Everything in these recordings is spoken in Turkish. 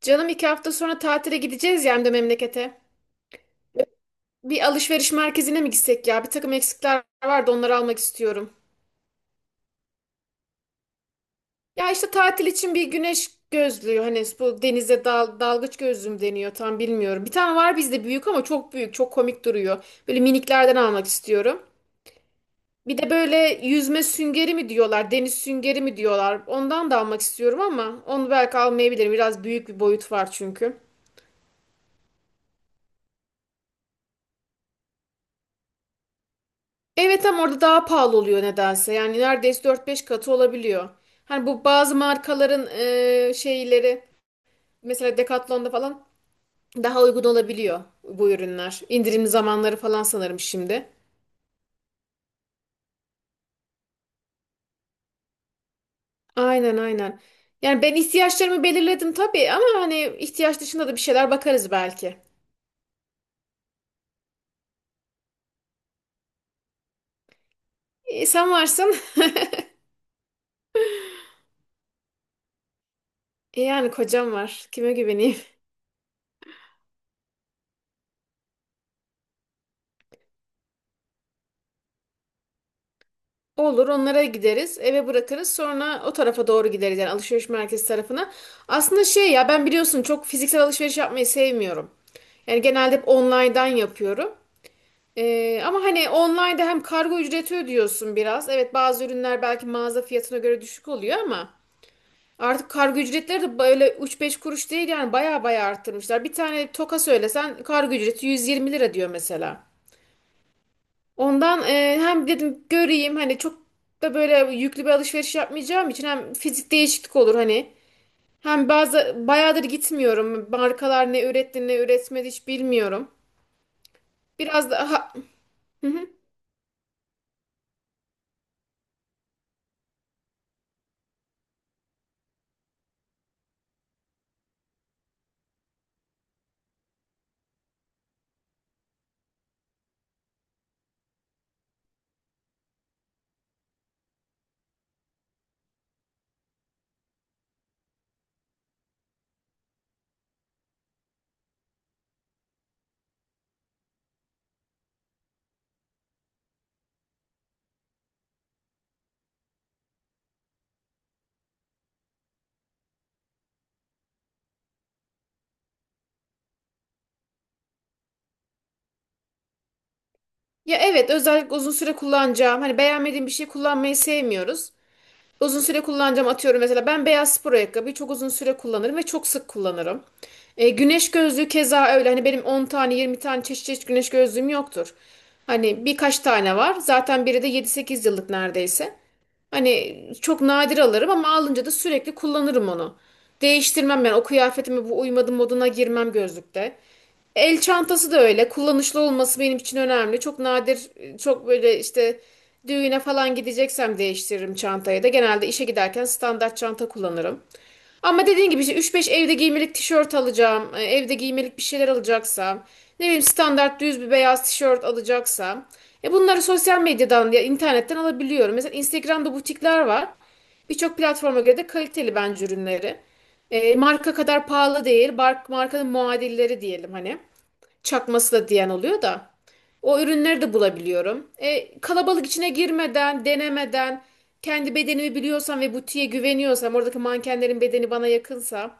Canım 2 hafta sonra tatile gideceğiz ya hem de memlekete. Bir alışveriş merkezine mi gitsek ya? Bir takım eksikler vardı onları almak istiyorum. Ya işte tatil için bir güneş gözlüğü hani bu denize dalgıç gözlüğü mü deniyor tam bilmiyorum. Bir tane var bizde büyük ama çok büyük çok komik duruyor. Böyle miniklerden almak istiyorum. Bir de böyle yüzme süngeri mi diyorlar deniz süngeri mi diyorlar ondan da almak istiyorum ama onu belki almayabilirim biraz büyük bir boyut var çünkü. Evet ama orada daha pahalı oluyor nedense. Yani neredeyse dört beş katı olabiliyor. Hani bu bazı markaların şeyleri mesela Decathlon'da falan daha uygun olabiliyor bu ürünler. İndirim zamanları falan sanırım şimdi. Aynen, aynen. Yani ben ihtiyaçlarımı belirledim tabii ama hani ihtiyaç dışında da bir şeyler bakarız belki. Sen varsın. Yani kocam var. Kime güveneyim? Olur, onlara gideriz, eve bırakırız, sonra o tarafa doğru gideriz yani alışveriş merkezi tarafına. Aslında şey ya, ben biliyorsun çok fiziksel alışveriş yapmayı sevmiyorum. Yani genelde hep online'dan yapıyorum. Ama hani online'da hem kargo ücreti ödüyorsun biraz. Evet, bazı ürünler belki mağaza fiyatına göre düşük oluyor ama artık kargo ücretleri de böyle üç beş kuruş değil yani baya baya arttırmışlar. Bir tane toka söylesen kargo ücreti 120 lira diyor mesela. Ondan hem dedim göreyim hani çok da böyle yüklü bir alışveriş yapmayacağım için hem fizik değişiklik olur hani. Hem bazı bayağıdır gitmiyorum. Markalar ne üretti ne üretmedi hiç bilmiyorum. Biraz daha, ya evet, özellikle uzun süre kullanacağım. Hani beğenmediğim bir şey kullanmayı sevmiyoruz. Uzun süre kullanacağım, atıyorum mesela ben beyaz spor ayakkabıyı çok uzun süre kullanırım ve çok sık kullanırım. Güneş gözlüğü keza öyle hani benim 10 tane 20 tane çeşit çeşit güneş gözlüğüm yoktur. Hani birkaç tane var zaten biri de 7-8 yıllık neredeyse. Hani çok nadir alırım ama alınca da sürekli kullanırım onu. Değiştirmem ben, o kıyafetime bu uymadı moduna girmem gözlükte. El çantası da öyle. Kullanışlı olması benim için önemli. Çok nadir, çok böyle işte düğüne falan gideceksem değiştiririm çantayı da. Genelde işe giderken standart çanta kullanırım. Ama dediğin gibi işte 3-5 evde giymelik tişört alacağım, evde giymelik bir şeyler alacaksam, ne bileyim standart düz bir beyaz tişört alacaksam, bunları sosyal medyadan ya internetten alabiliyorum. Mesela Instagram'da butikler var. Birçok platforma göre de kaliteli bence ürünleri. Marka kadar pahalı değil, markanın muadilleri diyelim hani çakması da diyen oluyor da. O ürünleri de bulabiliyorum. Kalabalık içine girmeden, denemeden, kendi bedenimi biliyorsam ve butiğe güveniyorsam, oradaki mankenlerin bedeni bana yakınsa,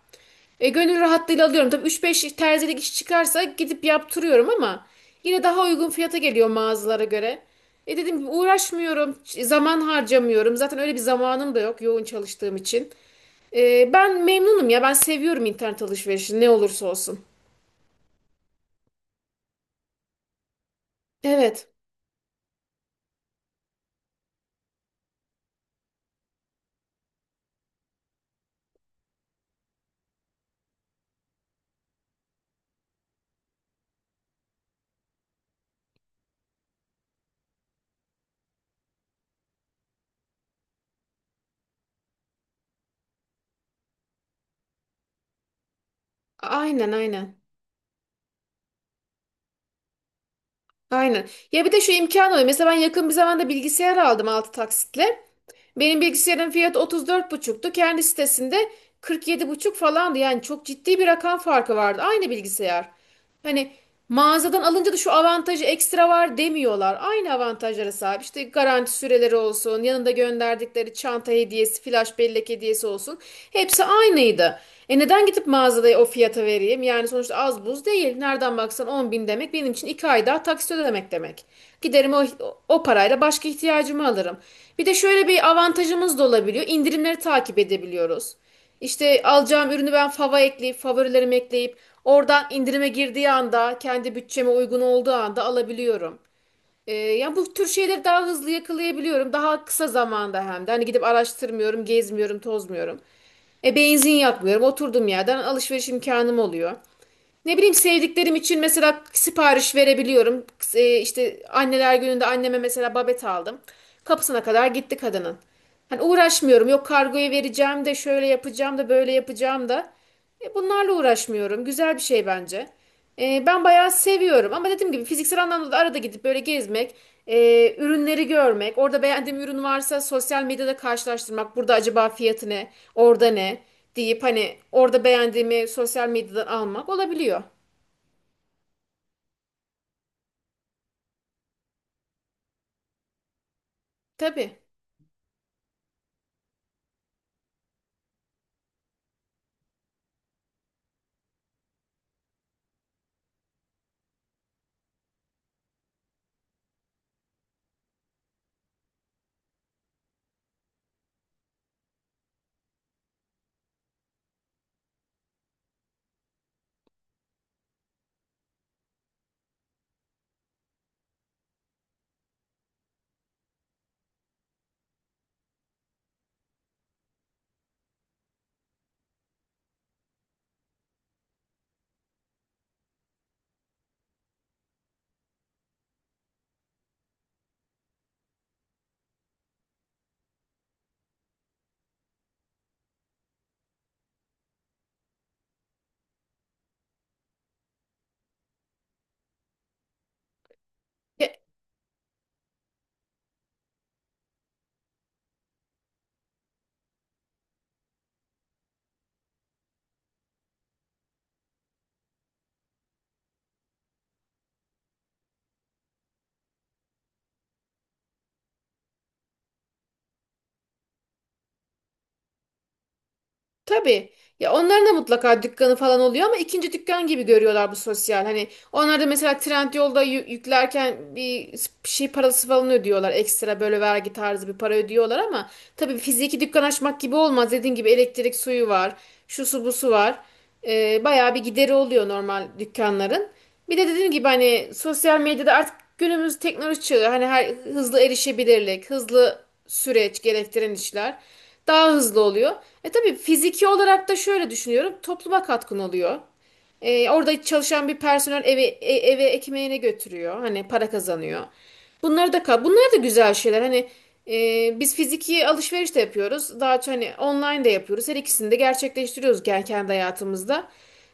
gönül rahatlığıyla alıyorum. Tabii üç beş terzilik iş çıkarsa gidip yaptırıyorum ama yine daha uygun fiyata geliyor mağazalara göre. Dedim ki uğraşmıyorum, zaman harcamıyorum. Zaten öyle bir zamanım da yok, yoğun çalıştığım için. Ben memnunum ya, ben seviyorum internet alışverişini ne olursa olsun. Evet, aynen, aynen. Aynen. Ya bir de şu imkan oluyor. Mesela ben yakın bir zamanda bilgisayar aldım 6 taksitle. Benim bilgisayarın fiyatı otuz dört buçuktu, kendi sitesinde 47,5 falandı. Yani çok ciddi bir rakam farkı vardı. Aynı bilgisayar. Hani mağazadan alınca da şu avantajı ekstra var demiyorlar. Aynı avantajlara sahip. İşte garanti süreleri olsun, yanında gönderdikleri çanta hediyesi, flash bellek hediyesi olsun. Hepsi aynıydı. Neden gidip mağazada o fiyata vereyim. Yani sonuçta az buz değil. Nereden baksan 10 bin demek benim için 2 ay daha taksit ödemek demek. Giderim, o parayla başka ihtiyacımı alırım. Bir de şöyle bir avantajımız da olabiliyor. İndirimleri takip edebiliyoruz. İşte alacağım ürünü ben fava ekleyip favorilerimi ekleyip oradan indirime girdiği anda kendi bütçeme uygun olduğu anda alabiliyorum. Yani bu tür şeyleri daha hızlı yakalayabiliyorum. Daha kısa zamanda hem de. Hani gidip araştırmıyorum, gezmiyorum, tozmuyorum. Benzin yakmıyorum. Oturduğum yerden alışveriş imkanım oluyor. Ne bileyim, sevdiklerim için mesela sipariş verebiliyorum. E, işte anneler gününde anneme mesela babet aldım. Kapısına kadar gitti kadının. Hani uğraşmıyorum. Yok, kargoya vereceğim de, şöyle yapacağım da, böyle yapacağım da. Bunlarla uğraşmıyorum. Güzel bir şey bence. Ben bayağı seviyorum ama dediğim gibi fiziksel anlamda da arada gidip böyle gezmek, ürünleri görmek, orada beğendiğim ürün varsa sosyal medyada karşılaştırmak, burada acaba fiyatı ne, orada ne deyip hani orada beğendiğimi sosyal medyadan almak olabiliyor. Tabii. Tabii. Ya onların da mutlaka dükkanı falan oluyor ama ikinci dükkan gibi görüyorlar bu sosyal. Hani onlar da mesela Trendyol'da yüklerken bir şey parası falan ödüyorlar. Ekstra böyle vergi tarzı bir para ödüyorlar ama tabii fiziki dükkan açmak gibi olmaz. Dediğin gibi elektrik suyu var. Şu su bu su var. Bayağı bir gideri oluyor normal dükkanların. Bir de dediğim gibi hani sosyal medyada artık günümüz teknoloji çağı. Hani her hızlı erişebilirlik, hızlı süreç gerektiren işler. Daha hızlı oluyor. Tabii fiziki olarak da şöyle düşünüyorum. Topluma katkın oluyor. Orada çalışan bir personel eve, eve ekmeğine götürüyor. Hani para kazanıyor. Bunlar da güzel şeyler. Hani biz fiziki alışveriş de yapıyoruz. Daha çok hani online de yapıyoruz. Her ikisini de gerçekleştiriyoruz kendi hayatımızda.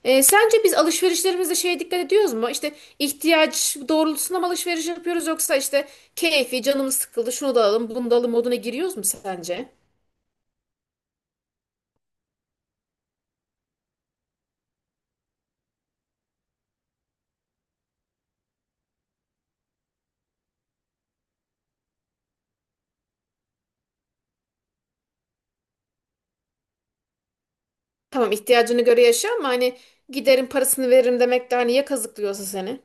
Sence biz alışverişlerimizde şeye dikkat ediyoruz mu? İşte ihtiyaç doğrultusunda mı alışveriş yapıyoruz yoksa işte keyfi canımız sıkıldı şunu da alalım bunu da alalım moduna giriyoruz mu sence? Tamam, ihtiyacını göre yaşa ama hani giderim parasını veririm demek de hani ya kazıklıyorsa seni.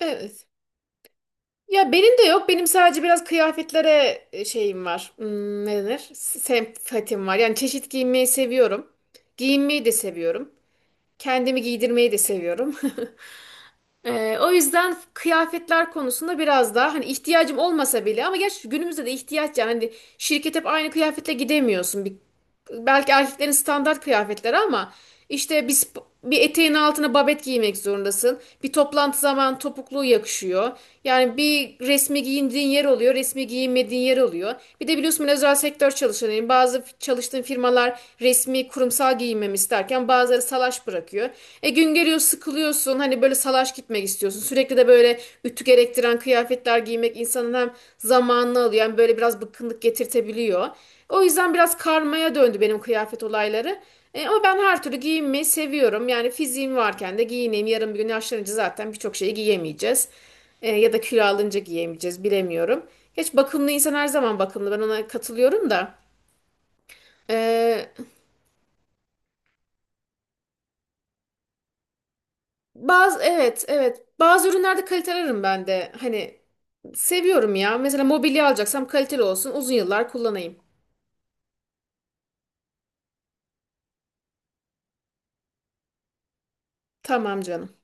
Evet. Ya benim de yok. Benim sadece biraz kıyafetlere şeyim var. Ne denir? Sempatim var. Yani çeşit giyinmeyi seviyorum. Giyinmeyi de seviyorum. Kendimi giydirmeyi de seviyorum. O yüzden kıyafetler konusunda biraz daha hani ihtiyacım olmasa bile ama gerçi günümüzde de ihtiyaç yani hani şirket hep aynı kıyafetle gidemiyorsun. Bir belki erkeklerin standart kıyafetleri ama işte bir eteğin altına babet giymek zorundasın. Bir toplantı zaman topukluğu yakışıyor. Yani bir resmi giyindiğin yer oluyor, resmi giyinmediğin yer oluyor. Bir de biliyorsun ben özel sektör çalışanıyım. Bazı çalıştığım firmalar resmi kurumsal giyinmemi isterken bazıları salaş bırakıyor. Gün geliyor sıkılıyorsun hani böyle salaş gitmek istiyorsun. Sürekli de böyle ütü gerektiren kıyafetler giymek insanın hem zamanını alıyor hem böyle biraz bıkkınlık getirtebiliyor. O yüzden biraz karmaya döndü benim kıyafet olayları. Ama ben her türlü giyinmeyi seviyorum. Yani fiziğim varken de giyineyim. Yarın bir gün yaşlanınca zaten birçok şeyi giyemeyeceğiz. Ya da kilo alınca giyemeyeceğiz bilemiyorum. Geç bakımlı insan her zaman bakımlı. Ben ona katılıyorum da. E, bazı evet evet, bazı ürünlerde kalite ararım ben de. Hani seviyorum ya. Mesela mobilya alacaksam kaliteli olsun, uzun yıllar kullanayım. Tamam canım.